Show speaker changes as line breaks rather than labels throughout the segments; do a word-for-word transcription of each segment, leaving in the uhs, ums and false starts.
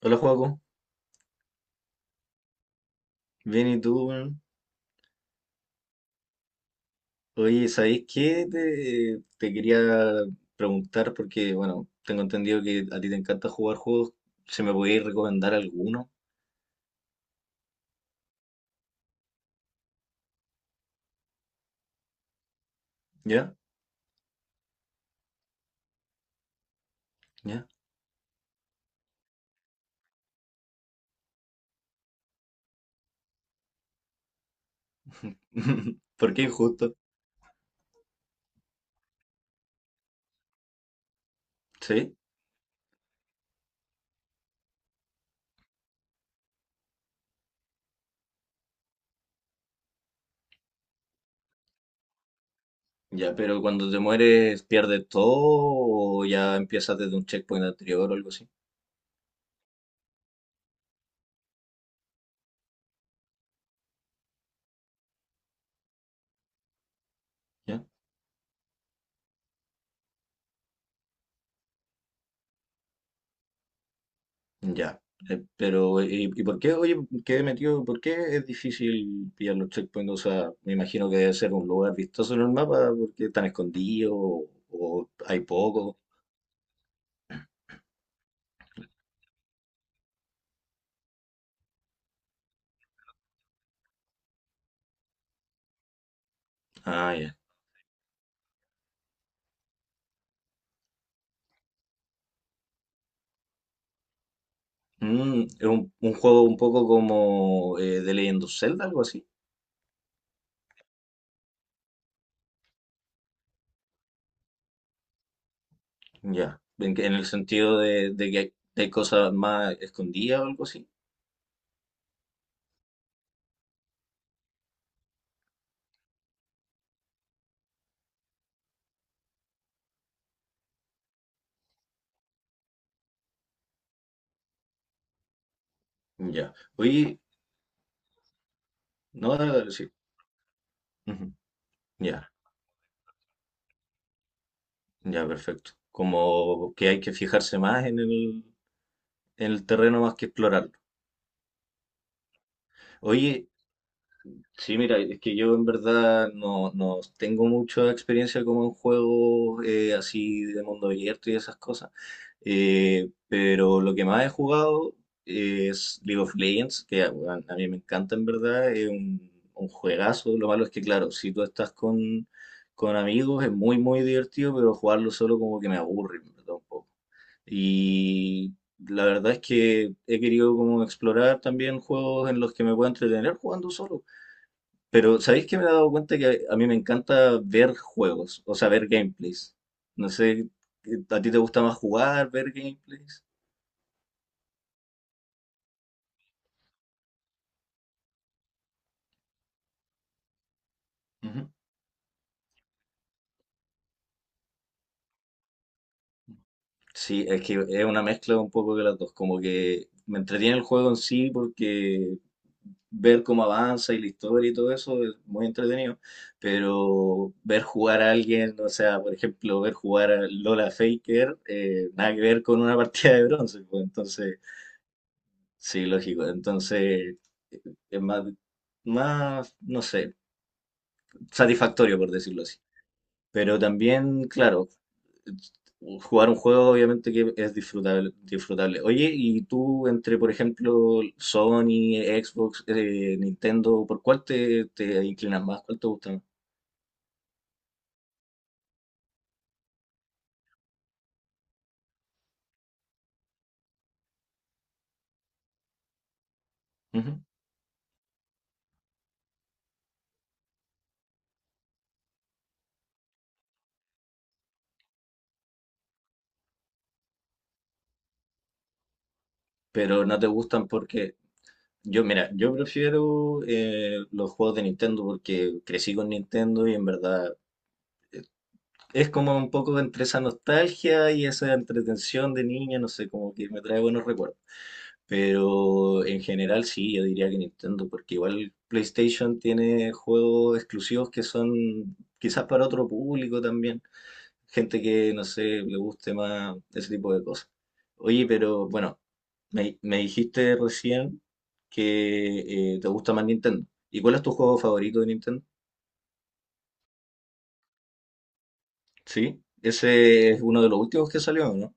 Hola, Joaco. Bien, ¿y tú, weón? Oye, ¿sabéis qué? Te, te quería preguntar porque, bueno, tengo entendido que a ti te encanta jugar juegos. ¿Se me podéis recomendar alguno? ¿Ya? ¿Ya? ¿Por qué injusto? ¿Sí? Ya, pero cuando te mueres, ¿pierdes todo o ya empiezas desde un checkpoint anterior o algo así? ¿Ya? Ya, eh, pero ¿y, y por qué, oye, quedé metido, ¿por qué es difícil pillar los checkpoints? O sea, me imagino que debe ser un lugar vistoso en el mapa porque están escondidos o, o hay poco. Ah, ya. Mm, es un, un juego un poco como eh, The Legend of Zelda, algo así. Ya, en, que- en el sentido de, de que hay, de hay cosas más escondidas o algo así. Ya, oye, no, sí. Ujú. Ya, ya, perfecto. Como que hay que fijarse más en el... el terreno más que explorarlo. Oye, sí, mira, es que yo en verdad no, no tengo mucha experiencia como en juegos eh, así de mundo abierto y esas cosas. Eh, pero lo que más he jugado es League of Legends, que ah, weón, a mí me encanta en verdad, es un, un juegazo. Lo malo es que, claro, si tú estás con, con amigos es muy, muy divertido, pero jugarlo solo como que me aburre, en verdad, un poco. Y la verdad es que he querido como explorar también juegos en los que me pueda entretener jugando solo. Pero ¿sabéis que me he dado cuenta que a mí me encanta ver juegos, o sea, ver gameplays? No sé, ¿a ti te gusta más jugar, ver gameplays? Sí, es que es una mezcla un poco de las dos, como que me entretiene el juego en sí porque ver cómo avanza y la historia y todo eso es muy entretenido, pero ver jugar a alguien, o sea, por ejemplo, ver jugar a Lola Faker, eh, nada que ver con una partida de bronce, pues, entonces, sí, lógico, entonces eh, es más, más, no sé, satisfactorio por decirlo así. Pero también, claro, jugar un juego obviamente que es disfrutable, disfrutable. Oye, y tú entre, por ejemplo, Sony, Xbox, eh, Nintendo, ¿por cuál te, te inclinas más? ¿Cuál te gusta más? Ujú. Pero no te gustan porque yo, mira, yo prefiero eh, los juegos de Nintendo porque crecí con Nintendo y en verdad es como un poco entre esa nostalgia y esa entretención de niña, no sé, como que me trae buenos recuerdos. Pero en general sí, yo diría que Nintendo, porque igual PlayStation tiene juegos exclusivos que son quizás para otro público también, gente que no sé, le guste más ese tipo de cosas. Oye, pero bueno, me, me dijiste recién que eh, te gusta más Nintendo. ¿Y cuál es tu juego favorito de Nintendo? Sí, ese es uno de los últimos que salió, ¿no?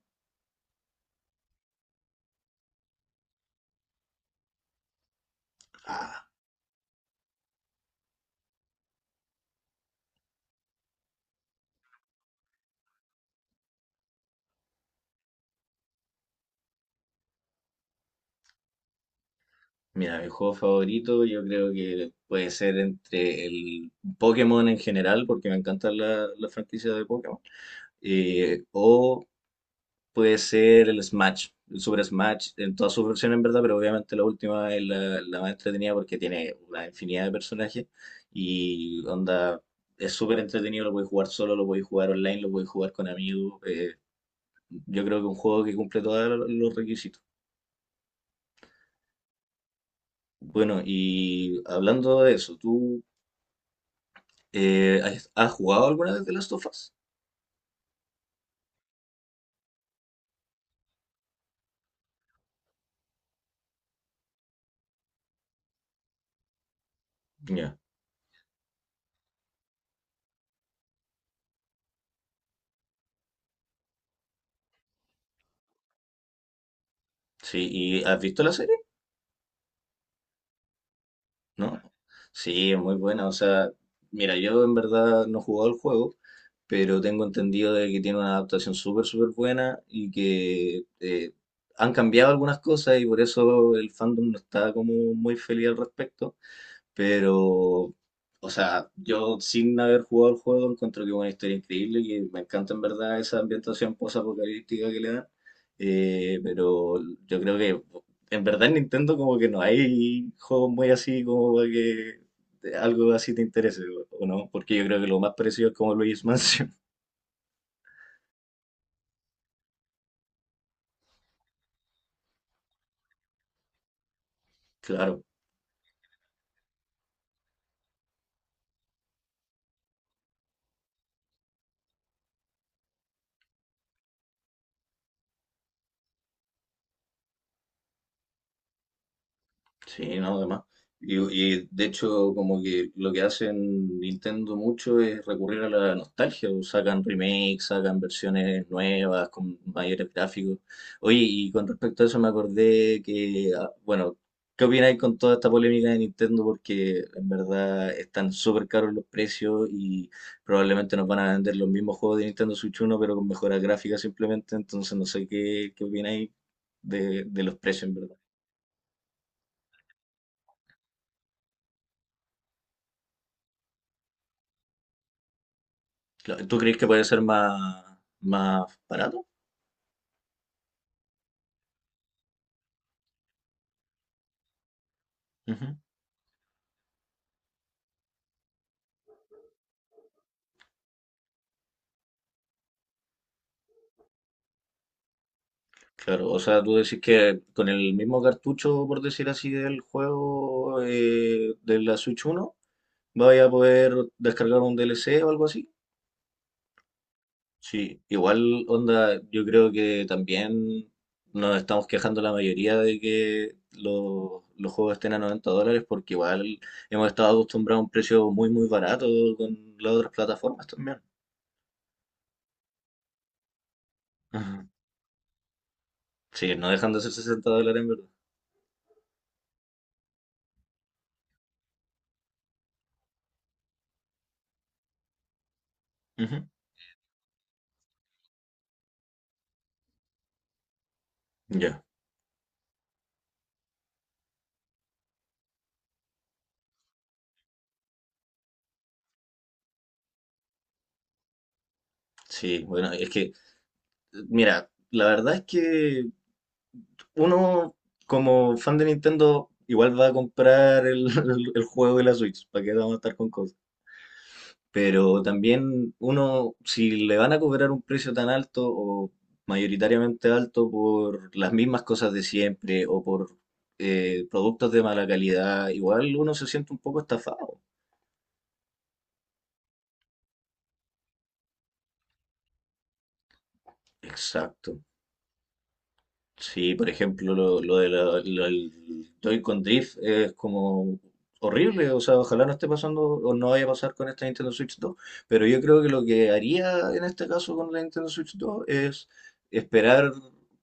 Mira, mi juego favorito yo creo que puede ser entre el Pokémon en general, porque me encantan la- las franquicias de Pokémon, eh, o puede ser el Smash, el Super Smash, en todas sus versiones en verdad, pero obviamente la última es la, la más entretenida porque tiene una infinidad de personajes y onda, es súper entretenido, lo podéis jugar solo, lo podéis jugar online, lo podéis jugar con amigos, eh, yo creo que es un juego que cumple todos los requisitos. Bueno, y hablando de eso, ¿tú Eh, ¿has, has jugado alguna vez de las of Us? Ya. Sí, ¿y has visto la serie? ¿No? Sí, es muy buena. O sea, mira, yo en verdad no he jugado el juego, pero tengo entendido de que tiene una adaptación súper, súper buena y que eh, han cambiado algunas cosas y por eso el fandom no está como muy feliz al respecto. Pero, o sea, yo sin haber jugado el juego encuentro que es una historia increíble y me encanta en verdad esa ambientación post-apocalíptica que le dan. Eh, pero yo creo que en verdad en Nintendo como que no hay juegos muy así como para que algo así te interese, ¿o o no? Porque yo creo que lo más parecido es como Luigi's Mansion. Claro. Sí, no, además. Y, y, de hecho, como que lo que hacen Nintendo mucho es recurrir a la nostalgia, o sacan remakes, sacan versiones nuevas con mayores gráficos. Oye, y con respecto a eso me acordé que, ah, bueno, ¿qué opináis con toda esta polémica de Nintendo? Porque en verdad están súper caros los precios y probablemente nos van a vender los mismos juegos de Nintendo Switch uno pero con mejoras gráficas simplemente. Entonces, no sé qué, qué opináis de, de los precios, en verdad. Cla- ¿Tú crees que puede ser más, más barato? Ujú. Claro, o sea, tú decís que con el mismo cartucho, por decir así, del juego eh, de la Switch uno, vaya a poder descargar un D L C o algo así. Sí, igual onda, yo creo que también nos estamos quejando la mayoría de que los, los juegos estén a noventa dólares porque igual hemos estado acostumbrados a un precio muy muy barato con las otras plataformas también. Ujú. Sí, no dejan de ser sesenta dólares en verdad. Ujú. Ya, sí, bueno, es que, mira, la verdad es que uno como fan de Nintendo igual va a comprar el, el- juego de la Switch, ¿para qué vamos a estar con cosas? Pero también uno, si le van a cobrar un precio tan alto o mayoritariamente alto por las mismas cosas de siempre o por eh, productos de mala calidad, igual uno se siente un poco estafado. Exacto. Sí, por ejemplo, lo, lo de la- lo del Joy con Drift es como horrible, o sea, ojalá no esté pasando o no vaya a pasar con esta Nintendo Switch dos, pero yo creo que lo que haría en este caso con la Nintendo Switch dos es esperar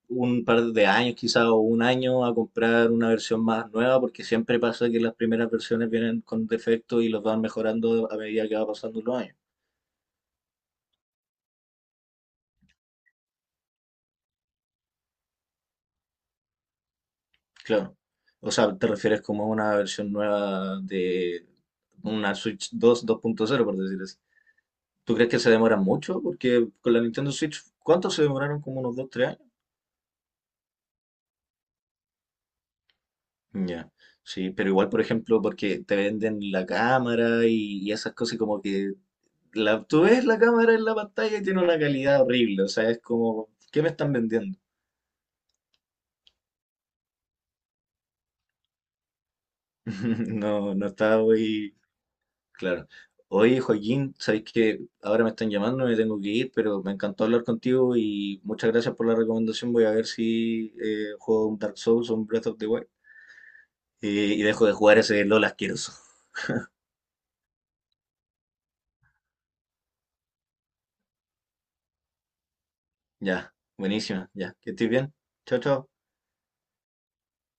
un par de años, quizá o un año, a comprar una versión más nueva, porque siempre pasa que las primeras versiones vienen con defectos y los van mejorando a medida que va pasando los años. Claro. O sea, te refieres como a una versión nueva de una Switch dos, dos punto cero, por decir así. ¿Tú crees que se demoran mucho? Porque con la Nintendo Switch, ¿cuánto se demoraron? Como unos dos tres años. Ya. Sí, pero igual, por ejemplo, porque te venden la cámara y, y esas cosas y como que la, tú ves la cámara en la pantalla y tiene una calidad horrible. O sea, es como, ¿qué me están vendiendo? No, no está muy, Claro. Oye, Joaquín, sabes que ahora me están llamando, me tengo que ir, pero me encantó hablar contigo y muchas gracias por la recomendación. Voy a ver si eh, juego un Dark Souls o un Breath of the Wild eh, y dejo de jugar ese L O L asqueroso. Ya, buenísima, ya, que estés bien. Chao, chao.